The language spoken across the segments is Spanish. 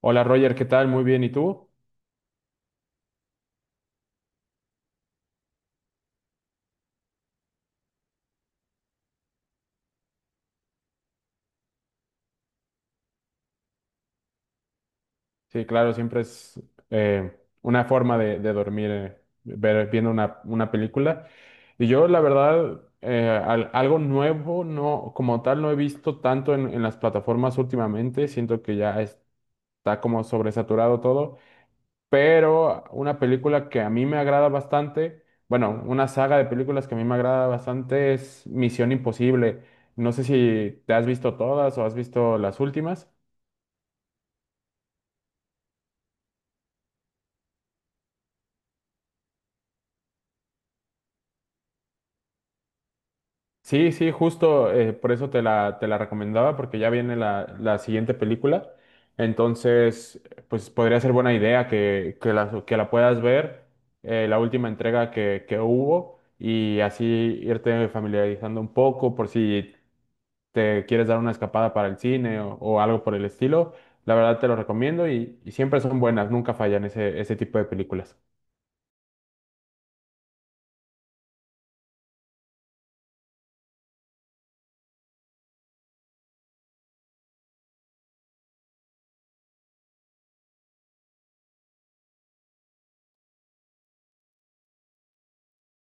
Hola Roger, ¿qué tal? Muy bien, ¿y tú? Sí, claro, siempre es una forma de dormir, viendo una película. Y yo, la verdad, algo nuevo, no, como tal, no he visto tanto en las plataformas últimamente. Siento que ya está como sobresaturado todo. Pero una película que a mí me agrada bastante, bueno, una saga de películas que a mí me agrada bastante es Misión Imposible. No sé si te has visto todas o has visto las últimas. Sí, sí, justo por eso te la recomendaba, porque ya viene la siguiente película. Entonces, pues podría ser buena idea que la puedas ver, la última entrega que hubo, y así irte familiarizando un poco por si te quieres dar una escapada para el cine o algo por el estilo. La verdad te lo recomiendo y siempre son buenas, nunca fallan ese tipo de películas.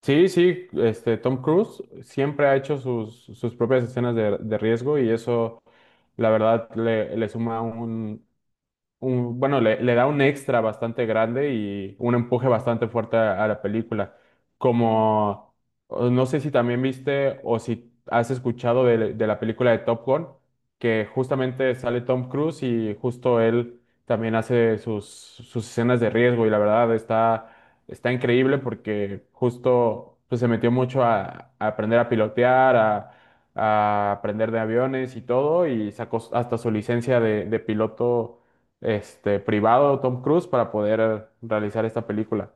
Sí, sí, este Tom Cruise siempre ha hecho sus propias escenas de riesgo y eso, la verdad, le suma un, le da un extra bastante grande y un empuje bastante fuerte a la película. Como, o no sé si también viste o si has escuchado de la película de Top Gun, que justamente sale Tom Cruise y justo él también hace sus escenas de riesgo y la verdad está increíble porque justo pues, se metió mucho a aprender a pilotear, a aprender de aviones y todo, y sacó hasta su licencia de piloto este, privado de Tom Cruise para poder realizar esta película.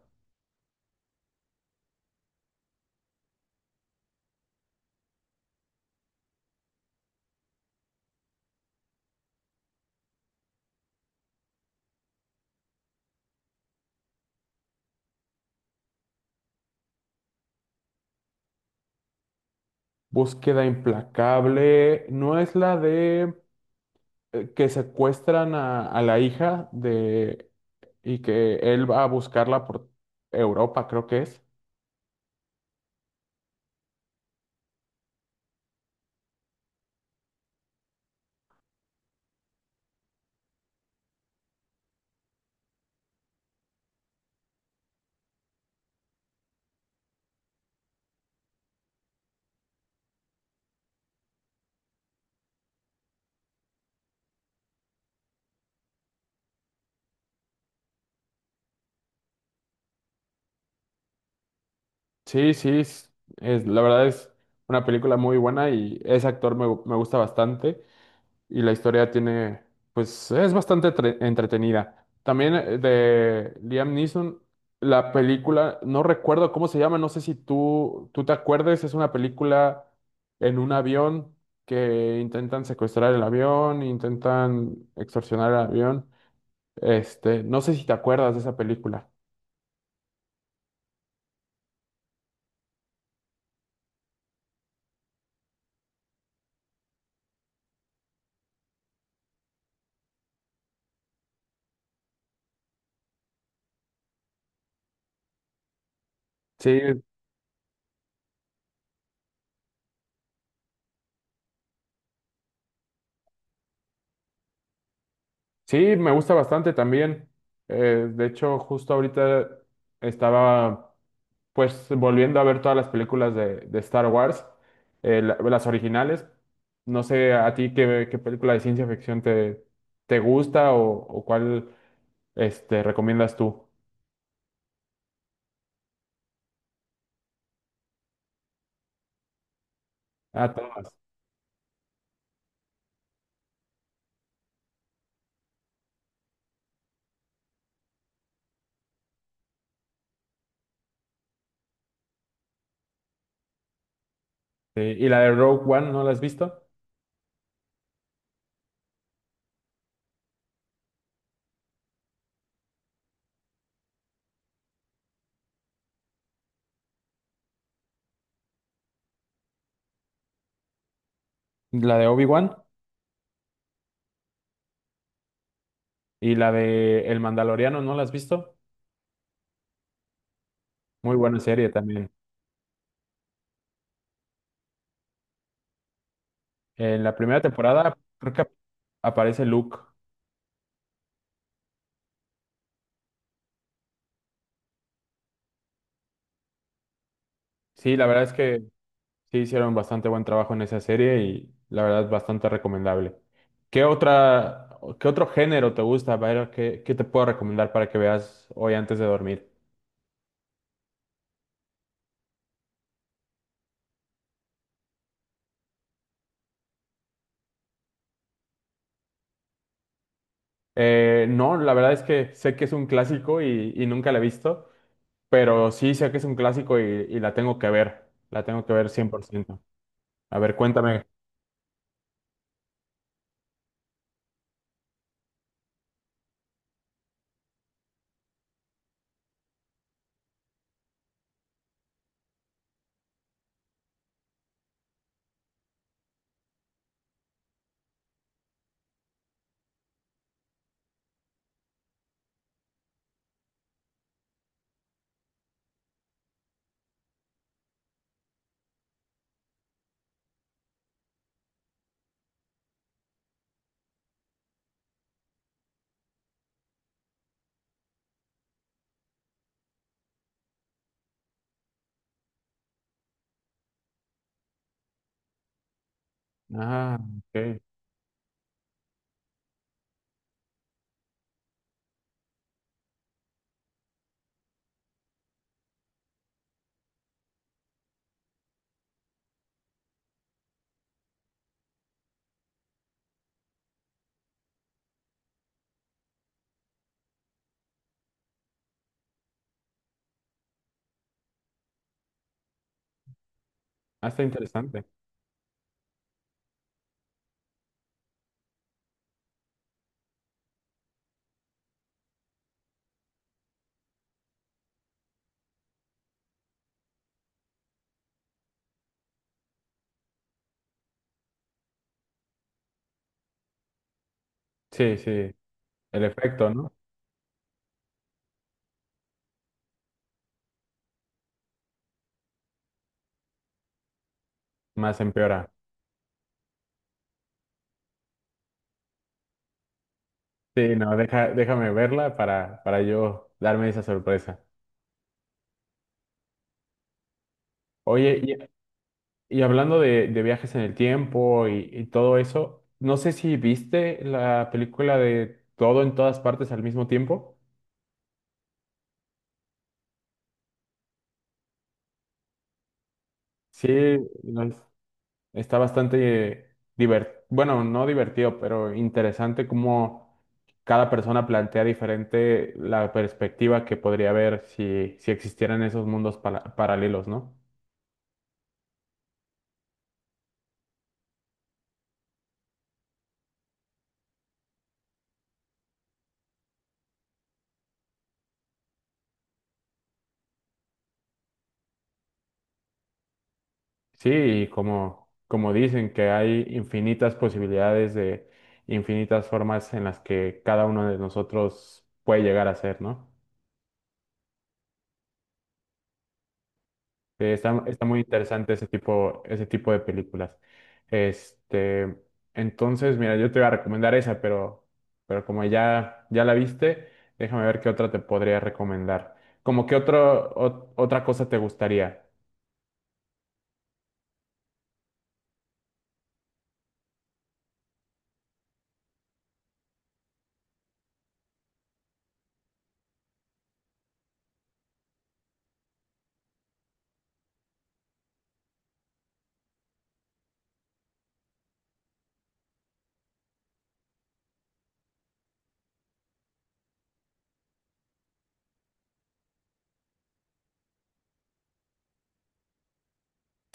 Búsqueda implacable, no es la de que secuestran a la hija de y que él va a buscarla por Europa, creo que es. Sí, sí, la verdad es una película muy buena y ese actor me gusta bastante. Y la historia tiene, pues es bastante entretenida. También de Liam Neeson, la película, no recuerdo cómo se llama, no sé si tú te acuerdes, es una película en un avión que intentan secuestrar el avión, intentan extorsionar el avión. Este, no sé si te acuerdas de esa película. Sí, sí, me gusta bastante también. De hecho, justo ahorita estaba, pues volviendo a ver todas las películas de Star Wars, las originales, no sé a ti qué película de ciencia ficción te gusta o cuál este, recomiendas tú. Ah, todas. Sí, ¿y la de Rogue One no la has visto? La de Obi-Wan. ¿Y la de El Mandaloriano no la has visto? Muy buena serie también. En la primera temporada creo que aparece Luke. Sí, la verdad es que sí, hicieron bastante buen trabajo en esa serie y la verdad bastante recomendable. ¿Qué otra, qué otro género te gusta, Byron? Qué te puedo recomendar para que veas hoy antes de dormir? No, la verdad es que sé que es un clásico y nunca la he visto, pero sí sé que es un clásico y la tengo que ver. La tengo que ver cien por ciento. A ver, cuéntame. Ah, ok. Ah, está interesante. Sí, sí. El efecto, ¿no? Más empeora. Sí, no, deja, déjame verla para yo darme esa sorpresa. Oye, y hablando de viajes en el tiempo y todo eso, no sé si viste la película de Todo en todas partes al mismo tiempo. Sí, no es- está bastante divertido, bueno, no divertido, pero interesante cómo cada persona plantea diferente la perspectiva que podría haber si, si existieran esos mundos paralelos, ¿no? Sí, y como, como dicen que hay infinitas posibilidades de infinitas formas en las que cada uno de nosotros puede llegar a ser, ¿no? Sí, está, está muy interesante ese tipo de películas. Este, entonces, mira, yo te iba a recomendar esa, pero como ya, ya la viste, déjame ver qué otra te podría recomendar. Como qué otro, otra cosa te gustaría.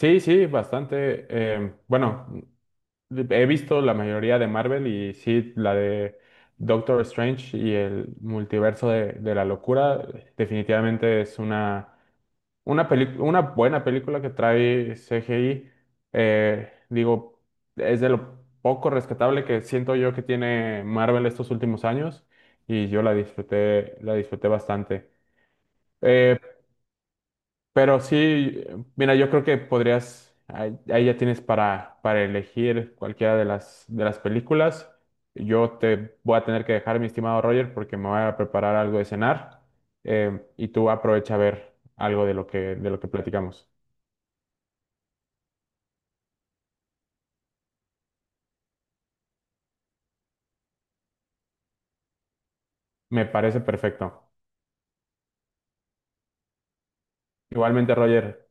Sí, sí, bastante. Bueno, he visto la mayoría de Marvel y sí, la de Doctor Strange y el multiverso de la locura. Definitivamente es una una buena película que trae CGI. Digo, es de lo poco rescatable que siento yo que tiene Marvel estos últimos años y yo la disfruté bastante. Eh, pero sí, mira, yo creo que podrías, ahí, ahí ya tienes para elegir cualquiera de las películas. Yo te voy a tener que dejar, mi estimado Roger, porque me voy a preparar algo de cenar. Eh, y tú aprovecha a ver algo de lo de lo que platicamos. Me parece perfecto. Igualmente, Roger.